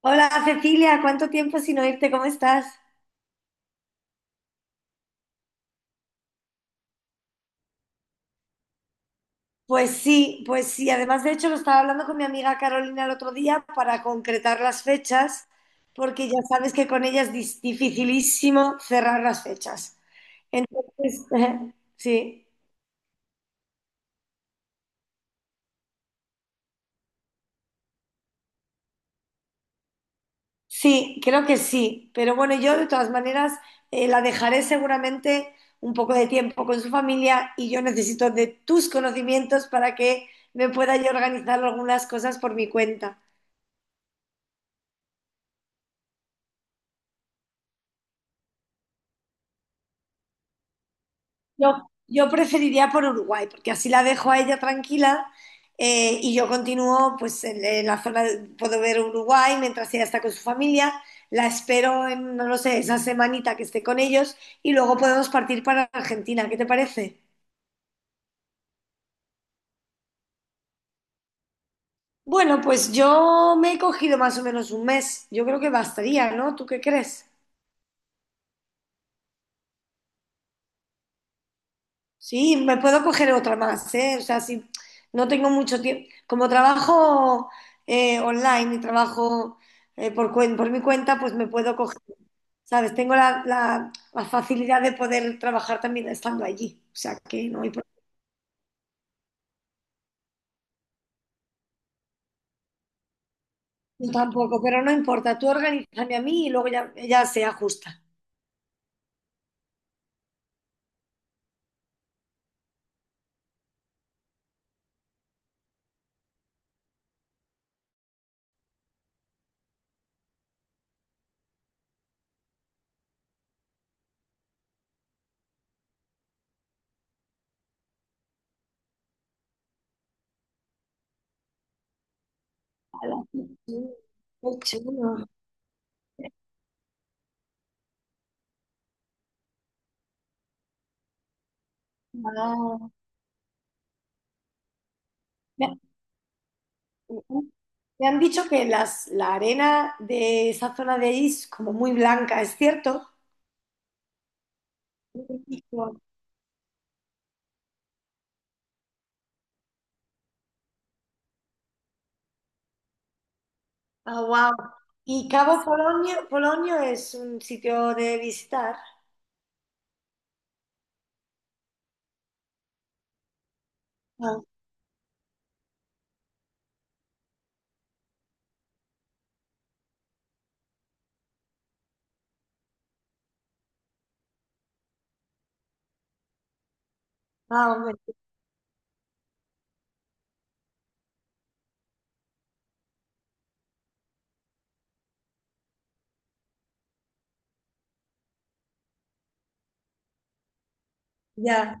Hola Cecilia, ¿cuánto tiempo sin oírte? ¿Cómo estás? Pues sí, pues sí. Además, de hecho, lo estaba hablando con mi amiga Carolina el otro día para concretar las fechas, porque ya sabes que con ella es dificilísimo cerrar las fechas. Entonces, sí, sí, creo que sí. Pero bueno, yo de todas maneras la dejaré seguramente un poco de tiempo con su familia y yo necesito de tus conocimientos para que me pueda yo organizar algunas cosas por mi cuenta. Yo preferiría por Uruguay, porque así la dejo a ella tranquila y yo continúo pues en la zona, puedo ver Uruguay mientras ella está con su familia, la espero en, no lo sé, esa semanita que esté con ellos y luego podemos partir para Argentina, ¿qué te parece? Bueno, pues yo me he cogido más o menos un mes, yo creo que bastaría, ¿no? ¿Tú qué crees? Sí, me puedo coger otra más, ¿eh? O sea, si no tengo mucho tiempo. Como trabajo online y trabajo por, por mi cuenta, pues me puedo coger, ¿sabes? Tengo la, la facilidad de poder trabajar también estando allí. O sea, que no hay problema. Yo tampoco, pero no importa. Tú organízame a mí y luego ya, ya se ajusta. Ala, qué chulo. Ah. Ujú. Me han dicho que las, la arena de esa zona de ahí es como muy blanca, ¿es cierto? Sí. Ah, wow. ¿Y Cabo Polonio, Polonio es un sitio de visitar? Ah, ah, hombre, ya.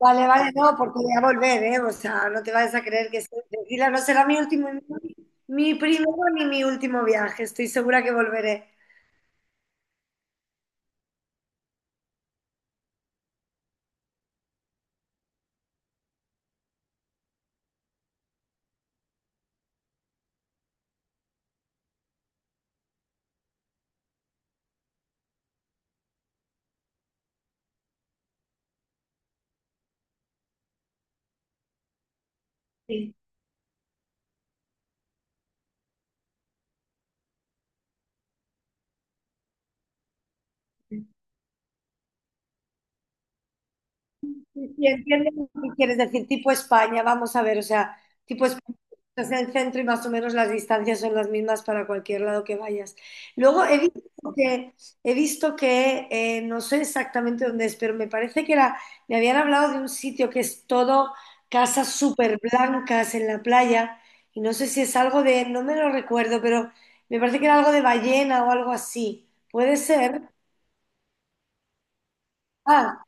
Vale, vale, no, porque voy a volver, ¿eh? O sea, no te vayas a creer que estoy tranquila. No será mi último, mi primero ni mi último viaje. Estoy segura que volveré. Sí. Sí, sí, entiendo lo que quieres decir, tipo España, vamos a ver, o sea, tipo España, estás en el centro y más o menos las distancias son las mismas para cualquier lado que vayas. Luego he visto que no sé exactamente dónde es, pero me parece que era, me habían hablado de un sitio que es todo casas súper blancas en la playa, y no sé si es algo de, no me lo recuerdo, pero me parece que era algo de ballena o algo así. ¿Puede ser? Ah,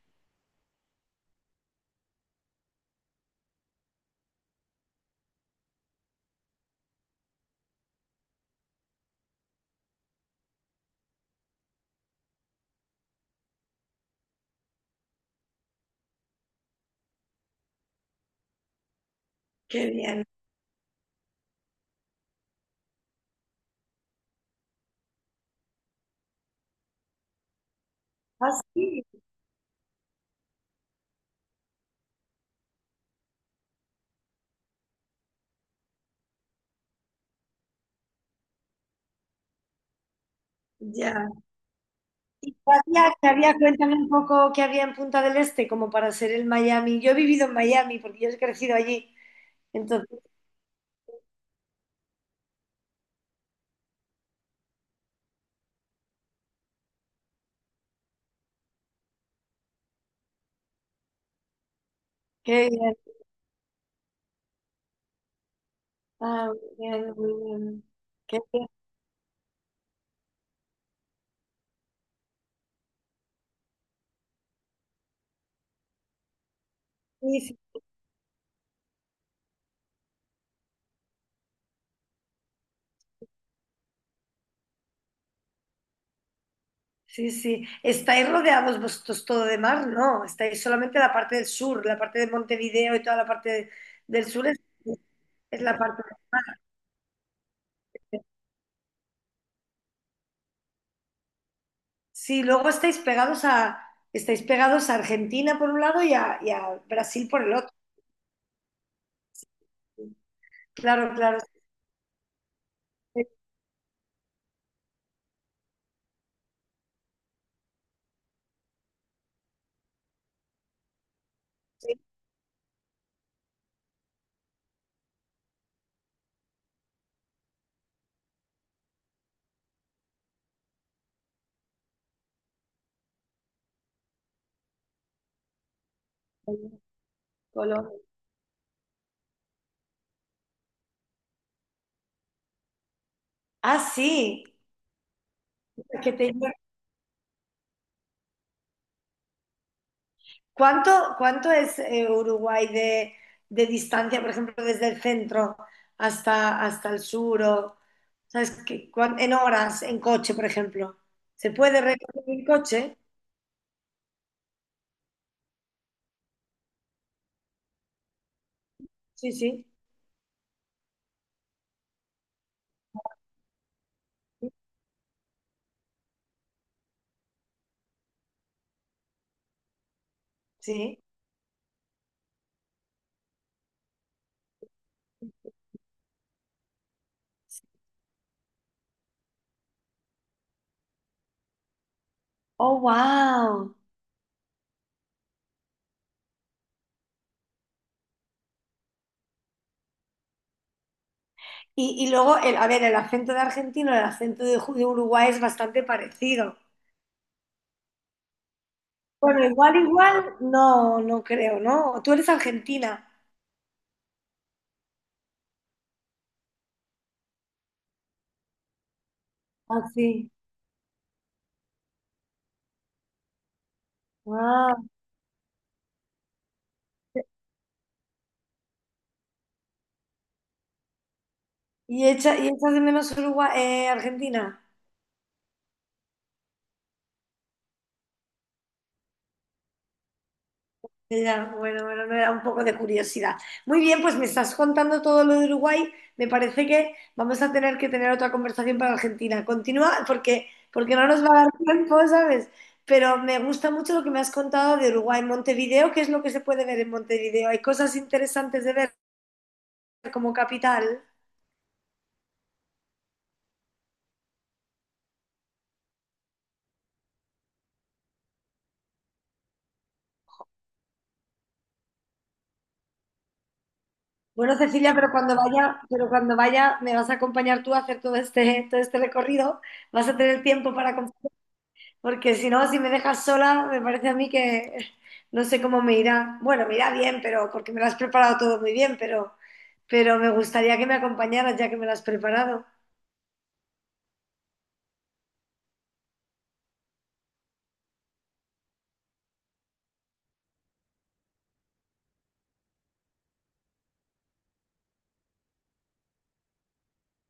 qué bien. Ah, sí, ya. ¿Y qué había, qué había? Cuéntame un poco qué había en Punta del Este, como para ser el Miami. Yo he vivido en Miami porque yo he crecido allí. Entonces, qué bien. Ah, muy bien, muy bien. Qué bien. Sí, sí, sí, sí. ¿Estáis rodeados vosotros todo de mar? No, estáis solamente la parte del sur, la parte de Montevideo y toda la parte de- del sur es la parte del mar. Sí, luego estáis pegados a Argentina por un lado y a Brasil por el otro. Claro, claro. Sí, sí. Sí. Colombia. Ah, sí. Es que te- ¿Cuánto, cuánto es Uruguay de distancia, por ejemplo, desde el centro hasta, hasta el sur? O, ¿sabes qué? ¿Cuán- En horas, en coche, por ejemplo. ¿Se puede recorrer en coche? Sí, sí. Sí. Oh, wow. Y luego, el, a ver, el acento de argentino, el acento de, de Uruguay es bastante parecido. Bueno, igual, igual, no, no creo, ¿no? Tú eres argentina. Ah, sí. Ah. ¿Y y echas de menos Uruguay, Argentina? Ya, bueno, bueno, no era un poco de curiosidad. Muy bien, pues me estás contando todo lo de Uruguay. Me parece que vamos a tener que tener otra conversación para Argentina. Continúa porque, porque no nos va a dar tiempo, ¿sabes? Pero me gusta mucho lo que me has contado de Uruguay. Montevideo, ¿qué es lo que se puede ver en Montevideo? ¿Hay cosas interesantes de ver como capital? Bueno, Cecilia, pero cuando vaya, me vas a acompañar tú a hacer todo este recorrido. Vas a tener tiempo para. Porque si no, si me dejas sola, me parece a mí que no sé cómo me irá. Bueno, me irá bien, pero porque me lo has preparado todo muy bien, pero me gustaría que me acompañaras ya que me lo has preparado.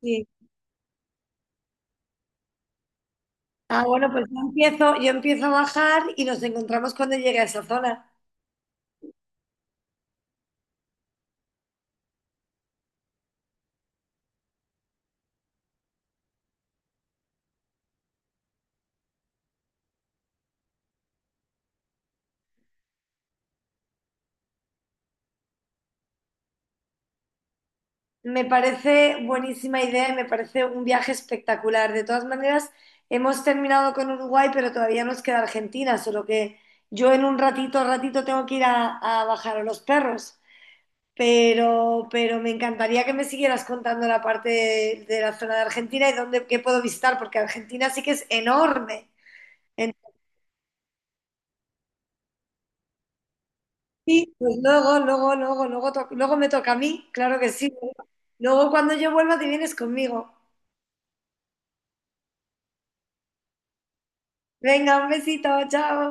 Sí. Ah, bueno, pues yo empiezo a bajar y nos encontramos cuando llegue a esa zona. Me parece buenísima idea y me parece un viaje espectacular. De todas maneras, hemos terminado con Uruguay, pero todavía nos queda Argentina, solo que yo en un ratito, ratito tengo que ir a bajar a los perros. Pero me encantaría que me siguieras contando la parte de la zona de Argentina y dónde, qué puedo visitar, porque Argentina sí que es enorme. Entonces, sí, pues luego, luego, luego, luego, luego me toca a mí, claro que sí. Luego cuando yo vuelva te vienes conmigo. Venga, un besito, chao.